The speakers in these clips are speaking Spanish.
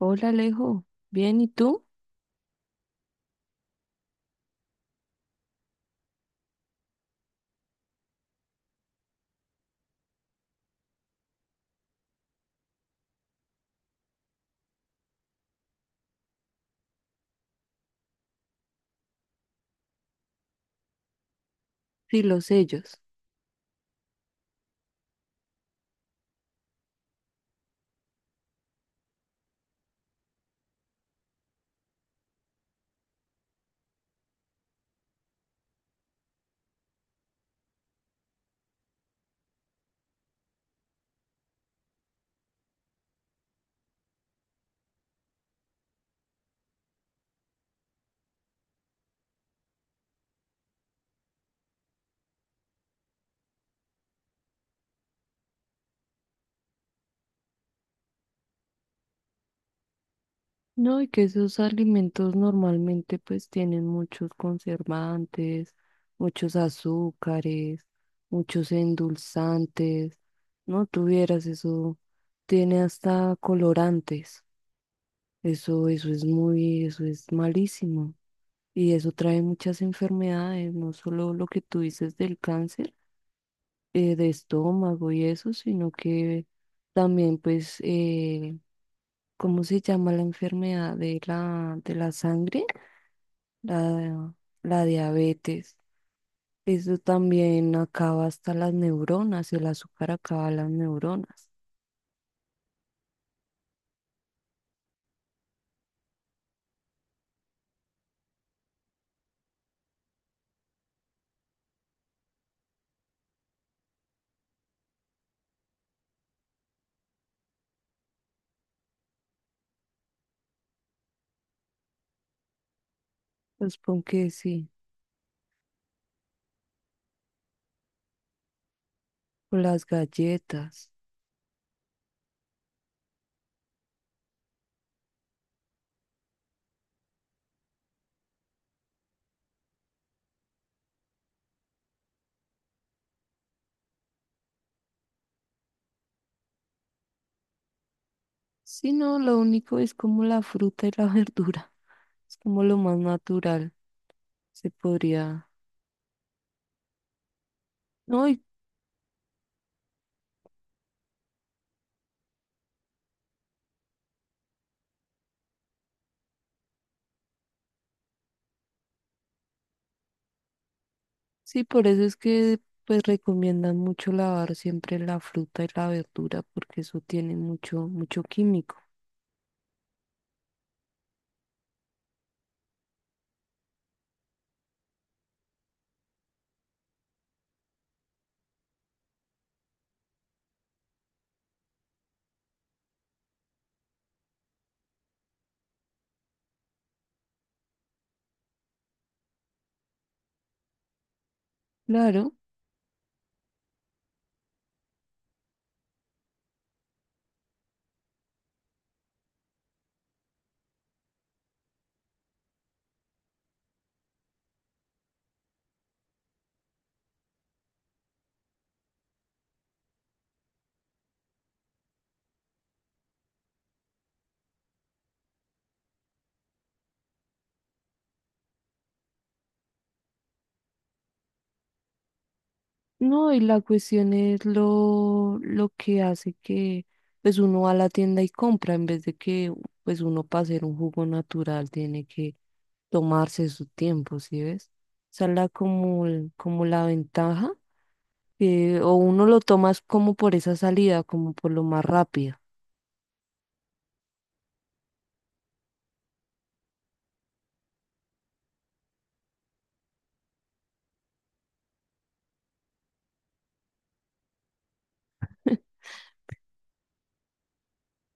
Hola Alejo, bien, ¿y tú? Sí, los sellos. No, y que esos alimentos normalmente pues tienen muchos conservantes, muchos azúcares, muchos endulzantes. No tuvieras eso, tiene hasta colorantes. Eso es malísimo. Y eso trae muchas enfermedades, no solo lo que tú dices del cáncer, de estómago y eso, sino que también pues, ¿cómo se llama la enfermedad de la sangre? La, la diabetes. Eso también acaba hasta las neuronas, el azúcar acaba las neuronas. Pues pon que sí, o las galletas. Si no, lo único es como la fruta y la verdura. Es como lo más natural. Se podría. No. Sí, por eso es que pues recomiendan mucho lavar siempre la fruta y la verdura porque eso tiene mucho mucho químico. Claro, no, y la cuestión es lo que hace que pues uno va a la tienda y compra en vez de que pues uno para hacer un jugo natural tiene que tomarse su tiempo, ¿sí ves? Esa es la como, como la ventaja, que o uno lo tomas como por esa salida, como por lo más rápido.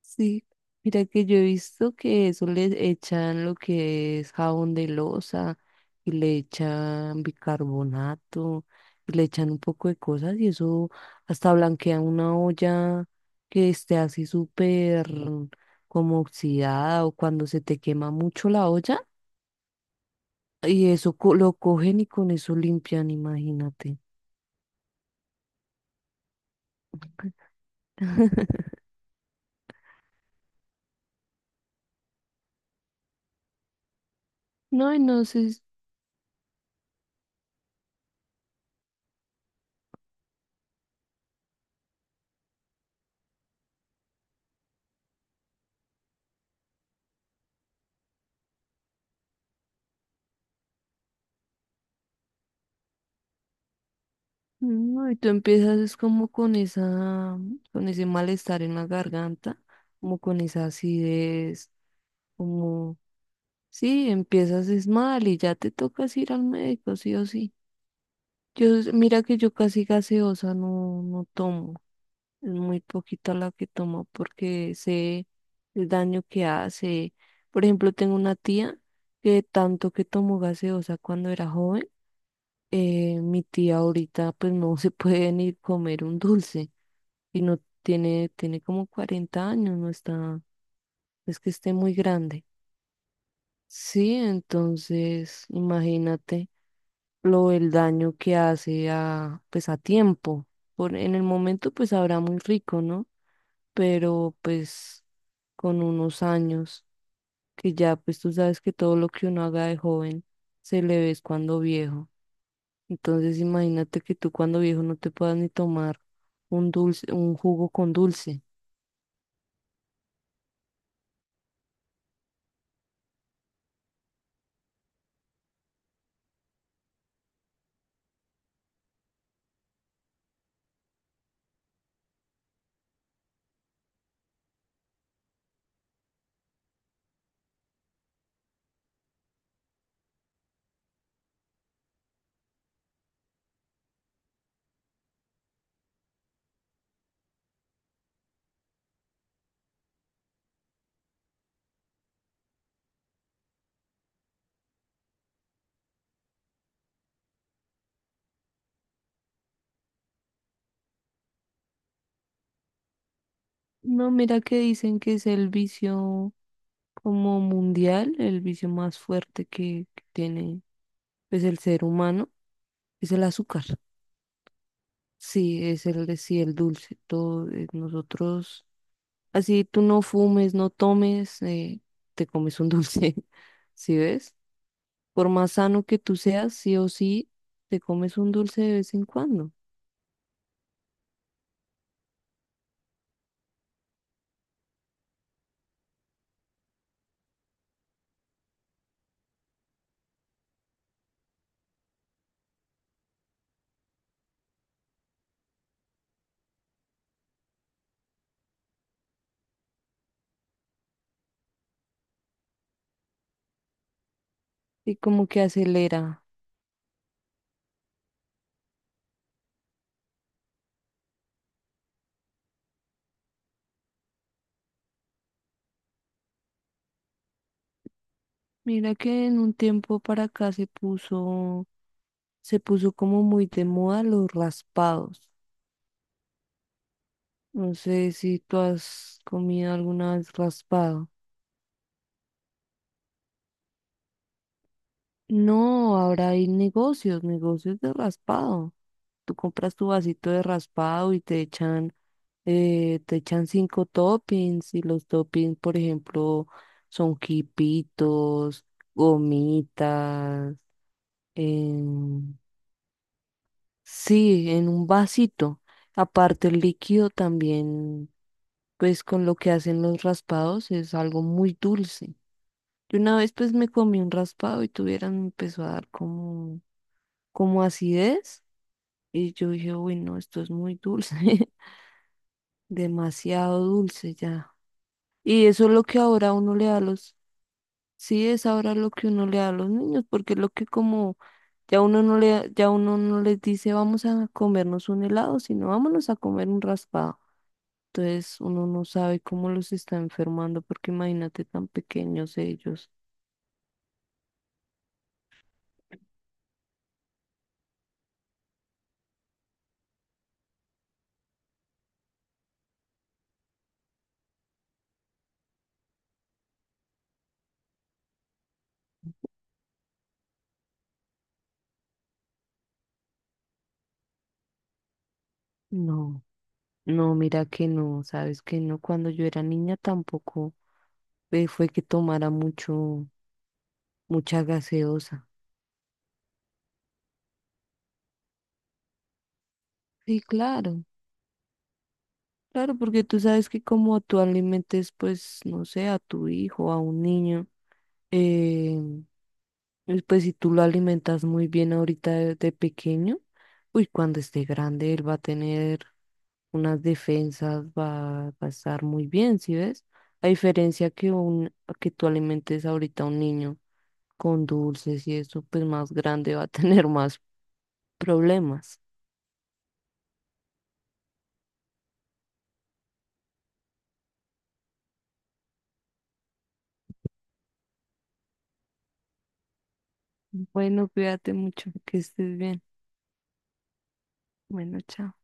Sí, mira que yo he visto que eso le echan lo que es jabón de loza y le echan bicarbonato y le echan un poco de cosas y eso hasta blanquea una olla que esté así súper como oxidada o cuando se te quema mucho la olla y eso lo cogen y con eso limpian, imagínate. No, y no sé. No, y tú empiezas es como con esa, con ese malestar en la garganta, como con esa acidez, como, sí, empiezas es mal y ya te tocas ir al médico, sí o sí. Yo, mira que yo casi gaseosa no, no tomo, es muy poquita la que tomo porque sé el daño que hace. Por ejemplo, tengo una tía que tanto que tomó gaseosa cuando era joven. Mi tía ahorita pues no se puede ni comer un dulce. Y no tiene, tiene como 40 años, no está, es que esté muy grande. Sí, entonces imagínate lo el daño que hace a, pues a tiempo. Por, en el momento pues habrá muy rico, ¿no? Pero pues con unos años, que ya pues tú sabes que todo lo que uno haga de joven se le ve es cuando viejo. Entonces imagínate que tú cuando viejo no te puedas ni tomar un dulce, un jugo con dulce. No, mira que dicen que es el vicio como mundial, el vicio más fuerte que tiene pues el ser humano, es el azúcar. Sí, es el de sí, el dulce. Todo, nosotros, así tú no fumes, no tomes, te comes un dulce, ¿sí ves? Por más sano que tú seas, sí o sí, te comes un dulce de vez en cuando. Y como que acelera. Mira que en un tiempo para acá se puso como muy de moda los raspados. No sé si tú has comido alguna vez raspado. No, ahora hay negocios, negocios de raspado. Tú compras tu vasito de raspado y te echan cinco toppings y los toppings, por ejemplo, son quipitos, gomitas, em, sí, en un vasito. Aparte, el líquido también, pues con lo que hacen los raspados, es algo muy dulce. Yo una vez pues me comí un raspado y tuvieran me empezó a dar como, como acidez. Y yo dije, uy, no, esto es muy dulce, demasiado dulce ya. Y eso es lo que ahora uno le da a los. Sí, es ahora lo que uno le da a los niños, porque lo que como ya uno no le, ya uno no les dice vamos a comernos un helado, sino vámonos a comer un raspado. Entonces uno no sabe cómo los está enfermando, porque imagínate tan pequeños ellos. No, no, mira que no, sabes que no, cuando yo era niña tampoco fue que tomara mucho, mucha gaseosa. Sí, claro, claro, porque tú sabes que como tú alimentes, pues, no sé, a tu hijo, a un niño. eh, Y pues si tú lo alimentas muy bien ahorita de pequeño, uy, cuando esté grande él va a tener unas defensas, va a estar muy bien, ¿sí ves? A diferencia que un, que tú alimentes ahorita a un niño con dulces y eso, pues más grande va a tener más problemas. Bueno, cuídate mucho, que estés bien. Bueno, chao.